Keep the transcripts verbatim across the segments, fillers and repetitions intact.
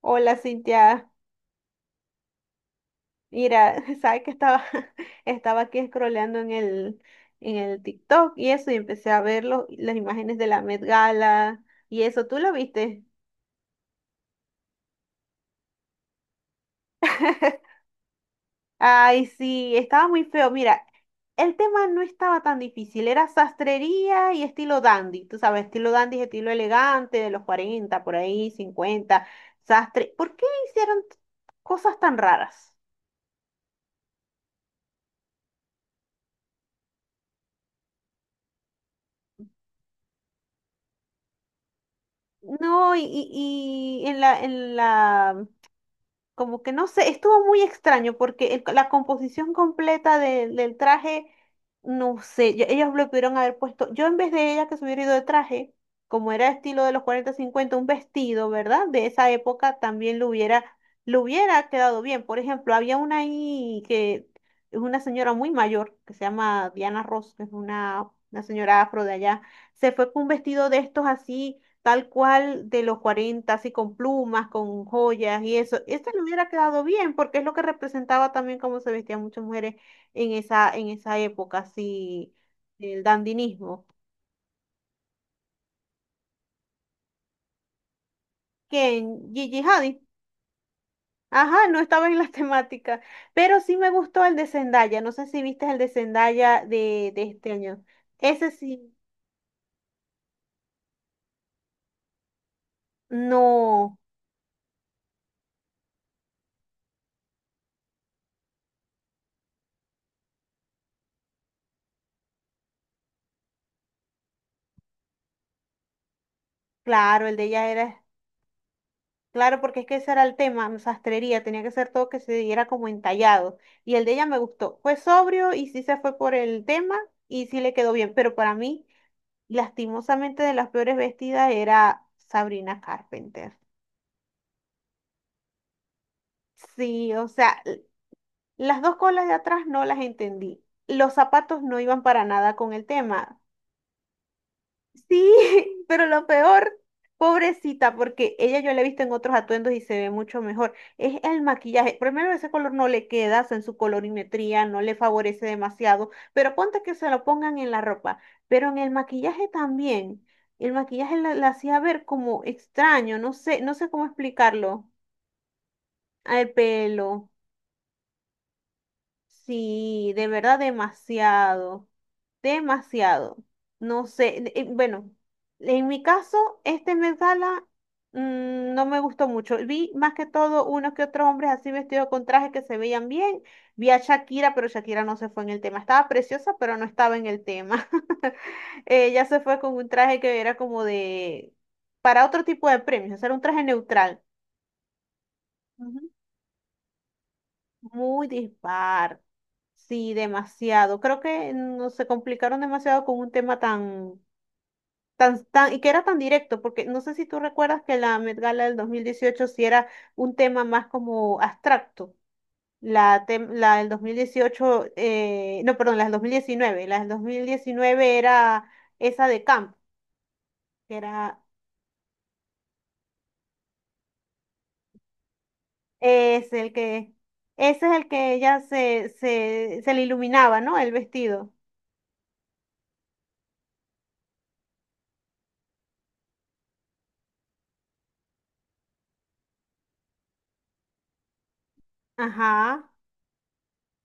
Hola Cintia, mira, sabes que estaba, estaba aquí scrolleando en el, en el TikTok y eso, y empecé a ver lo- las imágenes de la Met Gala y eso, ¿tú lo viste? Ay, sí, estaba muy feo. Mira, el tema no estaba tan difícil, era sastrería y estilo dandy, tú sabes, estilo dandy es estilo elegante de los cuarenta por ahí, cincuenta sastre. ¿Por qué hicieron t- cosas tan raras? No, y, y, y en la, en la como que no sé, estuvo muy extraño porque el- la composición completa de- del traje, no sé, yo- ellos lo pudieron haber puesto, yo en vez de ella que se hubiera ido de traje, como era estilo de los cuarenta cincuenta un vestido, ¿verdad? De esa época también lo hubiera, lo hubiera quedado bien. Por ejemplo, había una ahí que es una señora muy mayor, que se llama Diana Ross, que es una, una señora afro de allá, se fue con un vestido de estos así tal cual de los cuarenta así con plumas, con joyas y eso. Esto le hubiera quedado bien porque es lo que representaba también cómo se vestían muchas mujeres en esa, en esa época, así, el dandinismo. Que en Gigi Hadid, ajá, no estaba en la temática, pero sí me gustó el de Zendaya, no sé si viste el de Zendaya de, de este año. Ese sí, no, claro, el de ella era. Claro, porque es que ese era el tema, sastrería, tenía que ser todo que se diera como entallado. Y el de ella me gustó. Fue sobrio y sí se fue por el tema y sí le quedó bien. Pero para mí, lastimosamente, de las peores vestidas era Sabrina Carpenter. Sí, o sea, l- las dos colas de atrás no las entendí. Los zapatos no iban para nada con el tema. Sí, pero lo peor, pobrecita, porque ella yo la he visto en otros atuendos y se ve mucho mejor. Es el maquillaje. Primero, ese color no le queda, o sea, en su colorimetría no le favorece demasiado, pero ponte que se lo pongan en la ropa. Pero en el maquillaje también. El maquillaje la, la hacía ver como extraño, no sé, no sé cómo explicarlo. Al pelo. Sí, de verdad demasiado, demasiado. No sé, eh, bueno, en mi caso, este Met Gala mm, no me gustó mucho. Vi más que todo unos que otros hombres así vestidos con trajes que se veían bien. Vi a Shakira, pero Shakira no se fue en el tema. Estaba preciosa, pero no estaba en el tema. Ella se fue con un traje que era como de, para otro tipo de premios, o sea, era un traje neutral. Muy dispar. Sí, demasiado. Creo que no se complicaron demasiado con un tema tan, tan, tan, y que era tan directo, porque no sé si tú recuerdas que la Met Gala del dos mil dieciocho sí era un tema más como abstracto. La, tem- la del dos mil dieciocho, eh, no, perdón, la del dos mil diecinueve. La del dos mil diecinueve era esa de Camp, que era, es el que, ese es el que ella se, se, se le iluminaba, ¿no? El vestido. Ajá.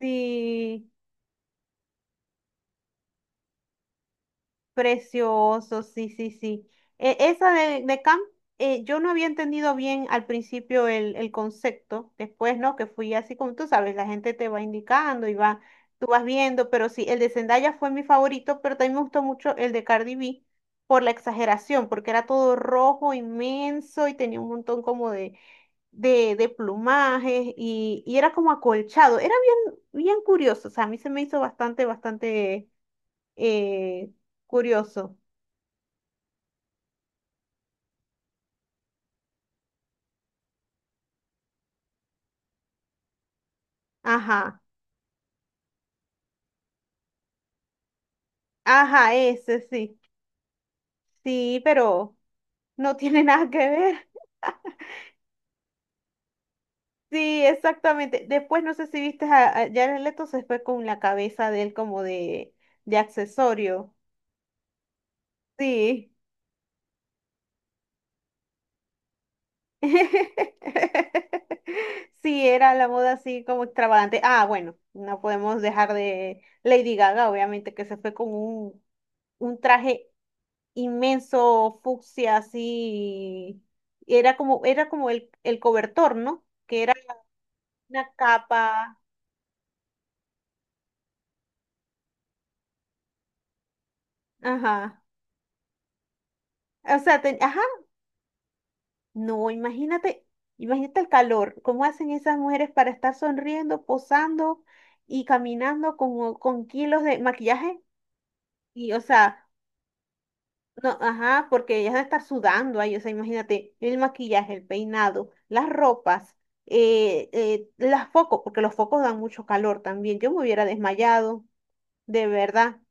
Sí. Precioso, sí, sí, sí. Eh, esa de, de camp, eh, yo no había entendido bien al principio el, el concepto, después, ¿no? Que fui así como tú sabes, la gente te va indicando y va, tú vas viendo, pero sí, el de Zendaya fue mi favorito, pero también me gustó mucho el de Cardi B por la exageración, porque era todo rojo, inmenso y tenía un montón como de, de, de plumajes y, y era como acolchado, era bien, bien curioso, o sea, a mí se me hizo bastante, bastante eh, curioso. Ajá. Ajá, ese sí. Sí, pero no tiene nada que ver. Sí, exactamente. Después no sé si viste a, a Jared Leto se fue con la cabeza de él como de, de accesorio. Sí. Sí, era la moda así como extravagante. Ah, bueno, no podemos dejar de Lady Gaga, obviamente, que se fue con un, un traje inmenso, fucsia, así. Y Era como, era como el, el cobertor, ¿no? Que era una capa. Ajá. O sea, te- ajá. No, imagínate, imagínate el calor. ¿Cómo hacen esas mujeres para estar sonriendo, posando y caminando con, con kilos de maquillaje? Y, o sea, no, ajá, porque ella está sudando ahí, o sea, imagínate, el maquillaje, el peinado, las ropas, eh, eh, las focos, porque los focos dan mucho calor también. Yo me hubiera desmayado, de verdad.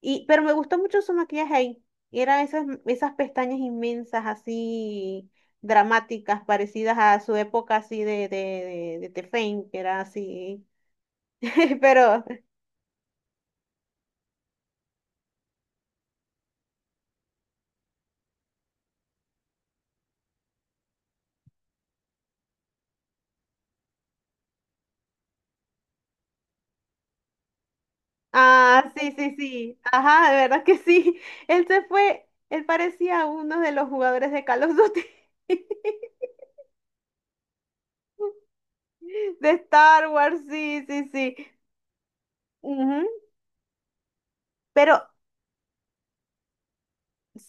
Y, pero me, gustó mucho su maquillaje ahí. Eran esas, esas pestañas inmensas, así dramáticas, parecidas a su época así de, de, de, de Fame que era así. Pero ah, sí, sí, sí. Ajá, de verdad que sí. Él se fue, él parecía uno de los jugadores de Call of Duty, de Star Wars, sí, sí, sí. Ujú. Pero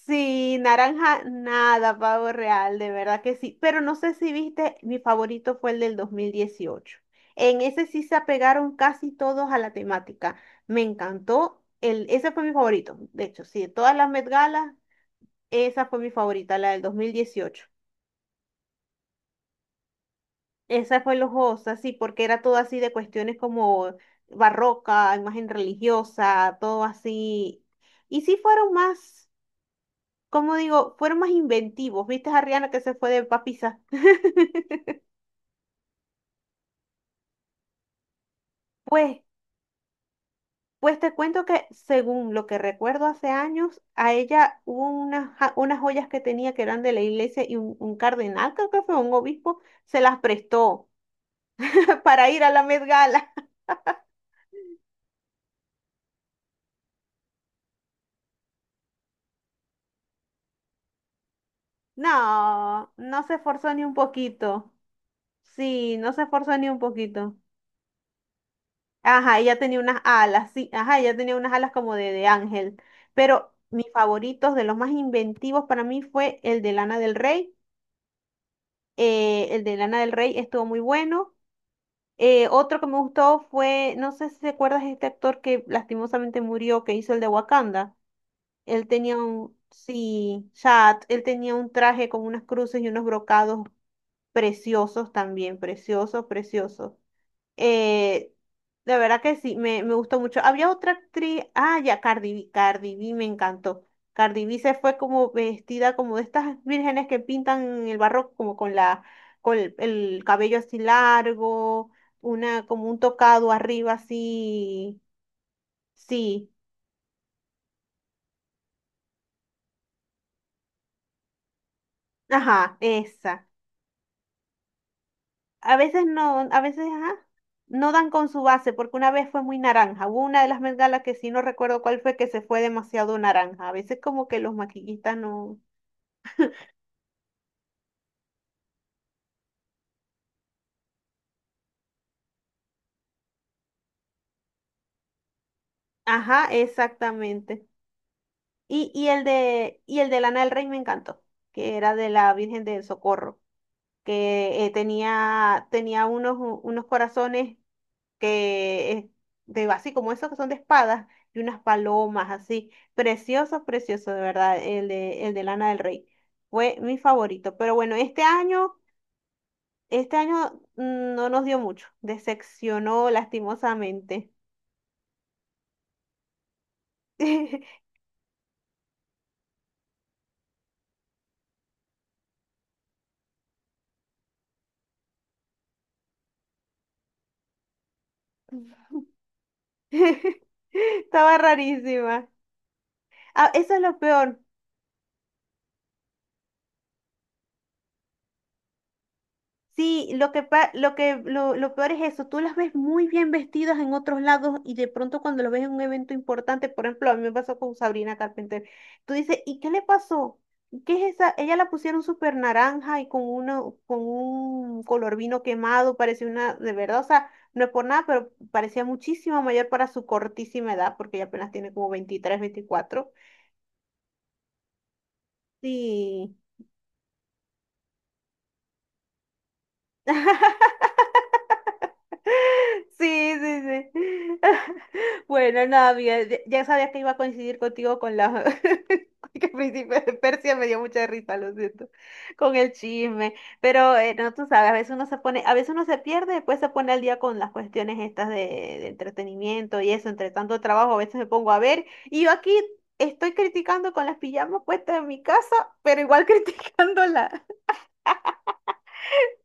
sí, naranja, nada, pavo real, de verdad que sí. Pero no sé si viste, mi favorito fue el del dos mil dieciocho. En ese sí se apegaron casi todos a la temática. Me encantó. El, ese fue mi favorito. De hecho, sí, de todas las Met Gala, esa fue mi favorita, la del dos mil dieciocho. Esa fue lujosa, sí, porque era todo así de cuestiones como barroca, imagen religiosa, todo así. Y sí fueron más, como digo, fueron más inventivos. ¿Viste a Rihanna que se fue de papisa? Pues, pues te cuento que según lo que recuerdo hace años, a ella hubo unas, ja- unas joyas que tenía que eran de la iglesia y un, un cardenal, creo que fue un obispo, se las prestó para ir a la Met Gala. No, no se esforzó ni un poquito. Sí, no se esforzó ni un poquito. Ajá, ella tenía unas alas, sí, ajá, ella tenía unas alas como de, de ángel. Pero mis favoritos, de los más inventivos para mí fue el de Lana del Rey. eh, el de Lana del Rey estuvo muy bueno. Eh, otro que me gustó fue, no sé si te acuerdas de este actor que lastimosamente murió, que hizo el de Wakanda. Él tenía un, sí, chat, él tenía un traje con unas cruces y unos brocados preciosos también, preciosos, preciosos. Eh, de verdad que sí, me, me gustó mucho. Había otra actriz, ah, ya, Cardi B, Cardi B me encantó. Cardi B se fue como vestida como de estas vírgenes que pintan en el barroco, como con la, con el, el cabello así largo, una, como un tocado arriba así, sí, ajá, esa. A veces no, a veces, ajá, no dan con su base, porque una vez fue muy naranja. Hubo una de las bengalas que sí no recuerdo cuál fue, que se fue demasiado naranja. A veces como que los maquillistas no. Ajá, exactamente. Y, y el de, y el de Lana del Rey me encantó, que era de la Virgen del Socorro, que eh, tenía, tenía unos, u- unos corazones que, eh, de, así como esos que son de espadas, y unas palomas así. Precioso, precioso, de verdad, el de, el de Lana del Rey. Fue mi favorito. Pero bueno, este año, este año mm, no nos dio mucho. Decepcionó lastimosamente. Estaba rarísima. Ah, eso es lo peor. Sí, lo que pa- lo que lo, lo peor es eso. Tú las ves muy bien vestidas en otros lados y de pronto cuando lo ves en un evento importante, por ejemplo, a mí me pasó con Sabrina Carpenter. Tú dices, ¿y qué le pasó? ¿Qué es esa? Ella la pusieron súper naranja y con una, con un color vino quemado, parecía una, de verdad, o sea, no es por nada, pero parecía muchísimo mayor para su cortísima edad, porque ella apenas tiene como veintitrés, veinticuatro. Sí. Sí, sí, sí. Bueno, nada, mira, ya ya sabía que iba a coincidir contigo con la... que Príncipe de Persia me dio mucha risa, lo siento, con el chisme. Pero, eh, no, tú sabes, a veces uno se pone, a veces uno se pierde, después se pone al día con las cuestiones estas de, de entretenimiento y eso, entre tanto trabajo, a veces me pongo a ver. Y yo aquí estoy criticando con las pijamas puestas en mi casa, pero igual criticándola.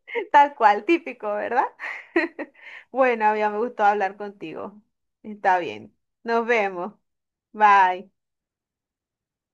Tal cual, típico, ¿verdad? Bueno, ya me gustó hablar contigo. Está bien. Nos vemos. Bye.